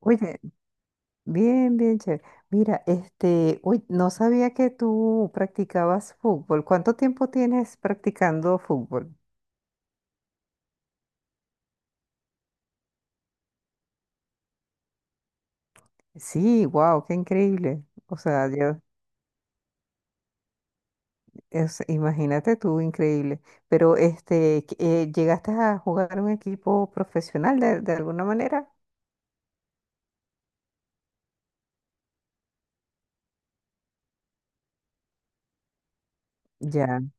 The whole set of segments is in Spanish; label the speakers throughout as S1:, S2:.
S1: Oye, bien, bien, chévere. Mira, uy, no sabía que tú practicabas fútbol. ¿Cuánto tiempo tienes practicando fútbol? Sí, wow, qué increíble. O sea, ya, imagínate tú, increíble. Pero, ¿llegaste a jugar un equipo profesional de alguna manera? Ya.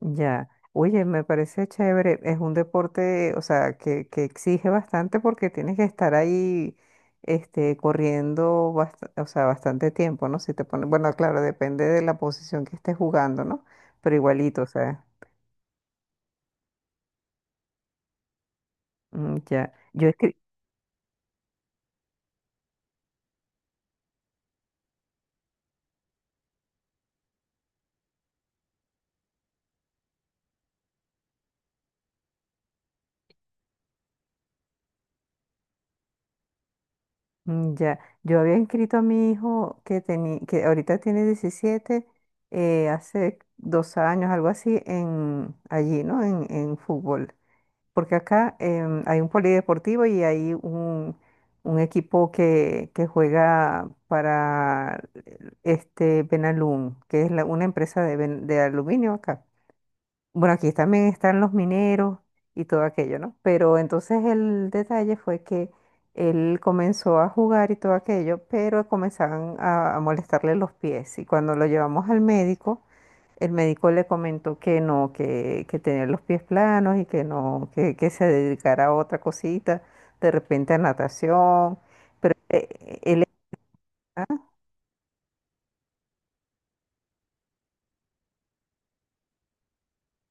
S1: Ya, oye, me parece chévere. Es un deporte, o sea, que exige bastante porque tienes que estar ahí, corriendo, o sea, bastante tiempo, ¿no? Si te pones, bueno, claro, depende de la posición que estés jugando, ¿no? Pero igualito, o sea, mm, ya. Mm, ya, yo había inscrito a mi hijo que ahorita tiene 17, hace 2 años, algo así, en allí, ¿no? En fútbol. Porque acá hay un polideportivo y hay un equipo que juega para este Benalum, que es una empresa de aluminio acá. Bueno, aquí también están los mineros y todo aquello, ¿no? Pero entonces el detalle fue que él comenzó a jugar y todo aquello, pero comenzaban a molestarle los pies. Y cuando lo llevamos al médico, el médico le comentó que no, que tenía los pies planos y que no, que se dedicara a otra cosita, de repente a natación. Pero ah,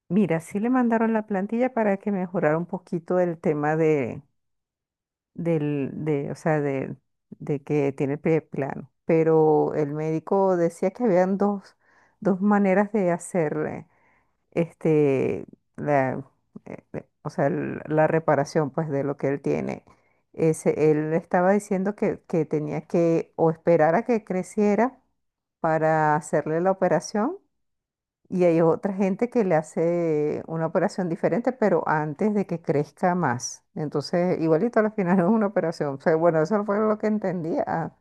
S1: mira, sí le mandaron la plantilla para que mejorara un poquito el tema o sea, de que tiene el pie plano. Pero el médico decía que habían dos, dos maneras de hacerle este, la, o sea, la reparación pues de lo que él tiene. Ese, él estaba diciendo que tenía que o esperar a que creciera para hacerle la operación y hay otra gente que le hace una operación diferente, pero antes de que crezca más. Entonces, igualito al final es una operación. O sea, bueno, eso fue lo que entendía. Ah,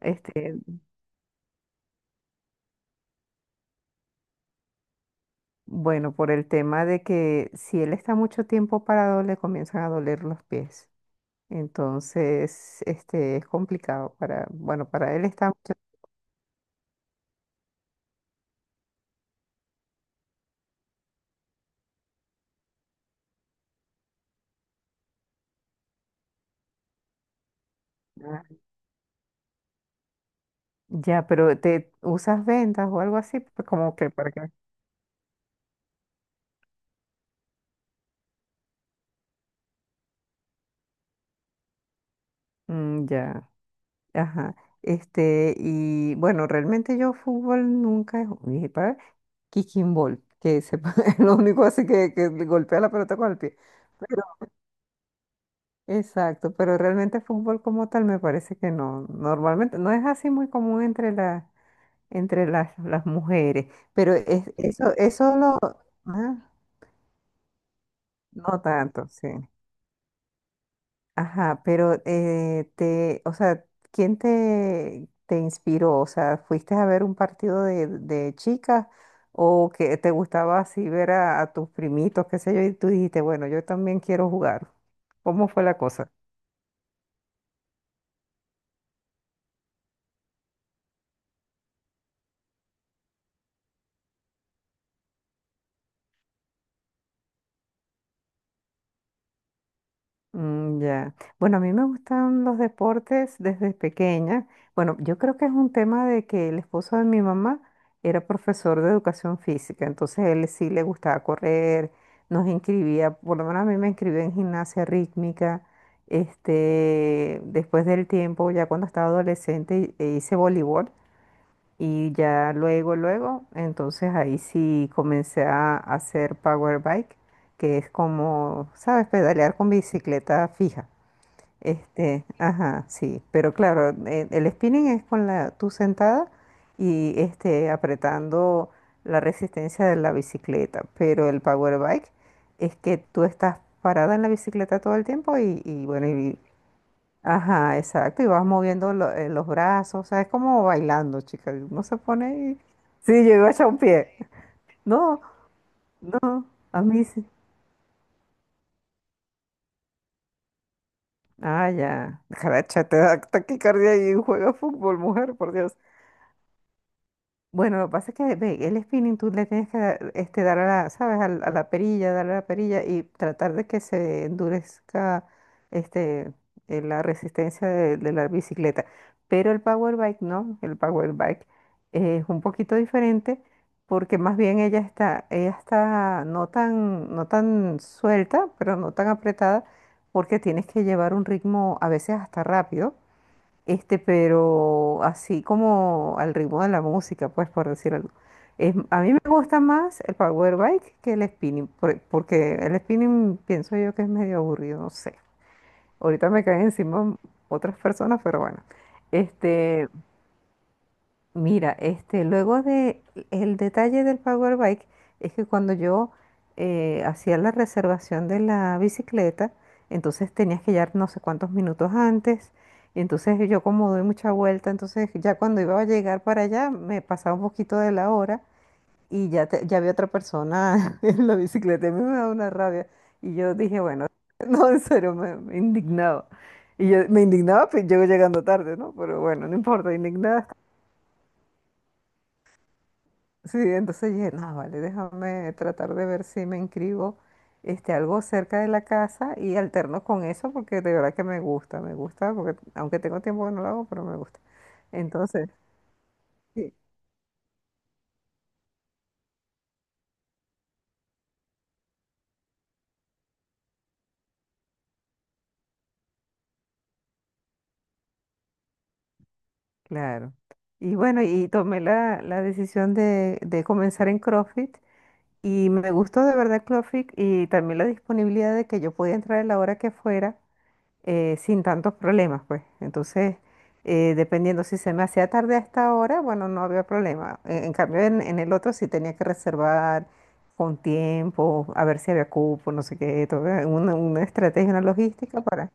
S1: este, bueno, por el tema de que si él está mucho tiempo parado, le comienzan a doler los pies. Entonces, este es complicado para, bueno, para él está mucho. Ah, ya, pero te usas vendas o algo así, pues, como que para qué. Mm, ya, ajá. Este, y bueno, realmente yo fútbol nunca he jugado. Para kicking ball, que se, es lo único así que golpea la pelota con el pie. Pero, exacto, pero realmente fútbol como tal me parece que no. Normalmente no es así muy común entre la entre las mujeres. Pero es, eso lo... Ah, no tanto, sí. Ajá, pero o sea, ¿quién te inspiró? O sea, ¿fuiste a ver un partido de chicas o que te gustaba así ver a tus primitos, qué sé yo, y tú dijiste, bueno, yo también quiero jugar? ¿Cómo fue la cosa? Mm, ya. Bueno, a mí me gustan los deportes desde pequeña. Bueno, yo creo que es un tema de que el esposo de mi mamá era profesor de educación física, entonces él sí le gustaba correr, nos inscribía, por lo menos a mí me inscribió en gimnasia rítmica. Este, después del tiempo, ya cuando estaba adolescente, hice voleibol. Y ya luego, luego, entonces ahí sí comencé a hacer power bike, que es como, ¿sabes? Pedalear con bicicleta fija. Este, ajá, sí. Pero claro, el spinning es con la, tú sentada y este, apretando la resistencia de la bicicleta. Pero el power bike es que tú estás parada en la bicicleta todo el tiempo y bueno, y ajá, exacto. Y vas moviendo los brazos. O sea, es como bailando, chica. Uno se pone ahí. Sí, yo iba a echar un pie. No, no, a mí sí. Ah, ya. Caracha, te da taquicardia y juega fútbol, mujer, por Dios. Bueno, lo que pasa es que ve, el spinning tú le tienes que dar, este, dar a la, ¿sabes? A la perilla, darle a la perilla y tratar de que se endurezca este, la resistencia de la bicicleta. Pero el power bike no, el power bike es un poquito diferente porque más bien ella está no tan, no tan suelta, pero no tan apretada porque tienes que llevar un ritmo a veces hasta rápido este, pero así como al ritmo de la música, pues por decir algo. A mí me gusta más el power bike que el spinning, porque el spinning pienso yo que es medio aburrido, no sé. Ahorita me caen encima otras personas, pero bueno. Este, mira, este, luego de el detalle del Power Bike es que cuando yo hacía la reservación de la bicicleta, entonces tenías que llegar no sé cuántos minutos antes, y entonces yo como doy mucha vuelta, entonces ya cuando iba a llegar para allá me pasaba un poquito de la hora y ya, ya había otra persona en la bicicleta, y a mí me daba una rabia y yo dije, bueno, no, en serio, me indignaba. Y yo me indignaba, pues llego llegando tarde, ¿no? Pero bueno, no importa, indignada. Sí, entonces dije, no, vale, déjame tratar de ver si me inscribo este, algo cerca de la casa y alterno con eso porque de verdad que me gusta, porque aunque tengo tiempo que no lo hago, pero me gusta. Entonces, sí, claro. Y bueno, y tomé la decisión de comenzar en CrossFit y me gustó de verdad CrossFit y también la disponibilidad de que yo podía entrar a la hora que fuera sin tantos problemas, pues. Entonces, dependiendo si se me hacía tarde a esta hora, bueno, no había problema. En cambio, en el otro sí tenía que reservar con tiempo, a ver si había cupo, no sé qué, todo, una estrategia, una logística para...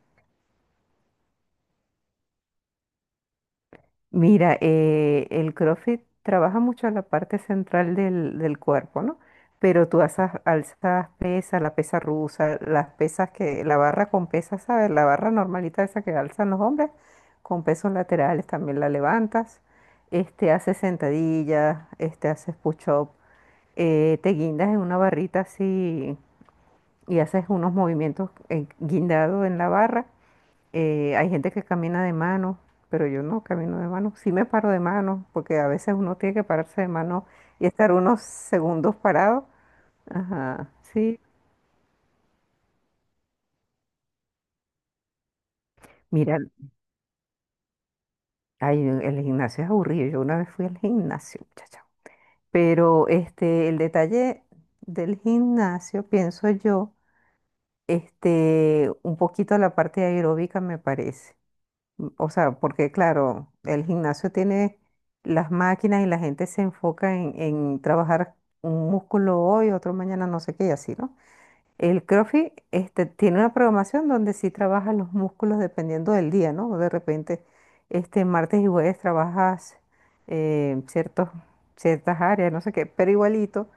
S1: Mira, el CrossFit trabaja mucho la parte central del cuerpo, ¿no? Pero tú alzas, alzas pesas, la pesa rusa, las pesas que, la barra con pesas, ¿sabes? La barra normalita esa que alzan los hombres, con pesos laterales también la levantas, este, haces sentadillas, este, haces push-up, te guindas en una barrita así y haces unos movimientos guindado en la barra hay gente que camina de mano, pero yo no camino de mano. Sí me paro de mano, porque a veces uno tiene que pararse de mano y estar unos segundos parado. Ajá, sí. Mira, ay, el gimnasio es aburrido. Yo una vez fui al gimnasio, muchacha. Pero este, el detalle del gimnasio, pienso yo, este, un poquito la parte aeróbica me parece. O sea, porque claro, el gimnasio tiene las máquinas y la gente se enfoca en trabajar un músculo hoy, otro mañana, no sé qué, y así, ¿no? El CrossFit este, tiene una programación donde sí trabajas los músculos dependiendo del día, ¿no? De repente, este, martes y jueves trabajas eh, ciertos, ciertas áreas, no sé qué, pero igualito,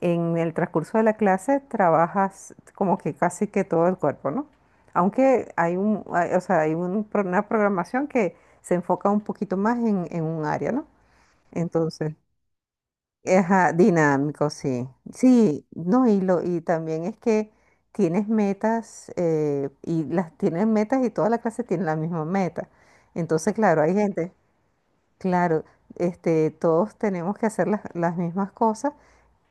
S1: en el transcurso de la clase trabajas como que casi que todo el cuerpo, ¿no? Aunque hay un, o sea, hay una programación que se enfoca un poquito más en un área, ¿no? Entonces, ajá, dinámico, sí. Sí, no, y también es que tienes metas, y las tienes metas y toda la clase tiene la misma meta. Entonces, claro, hay gente, claro, este, todos tenemos que hacer las mismas cosas.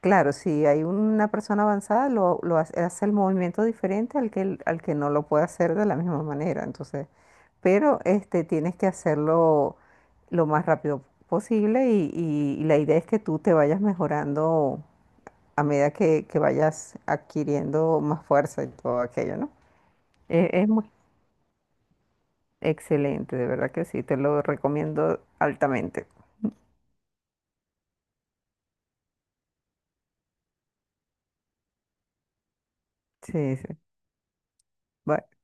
S1: Claro, si hay una persona avanzada, lo hace, hace el movimiento diferente al que no lo puede hacer de la misma manera. Entonces, pero este, tienes que hacerlo lo más rápido posible y la idea es que tú te vayas mejorando a medida que vayas adquiriendo más fuerza y todo aquello, ¿no? Es muy excelente, de verdad que sí, te lo recomiendo altamente. Sí, sí. Bye.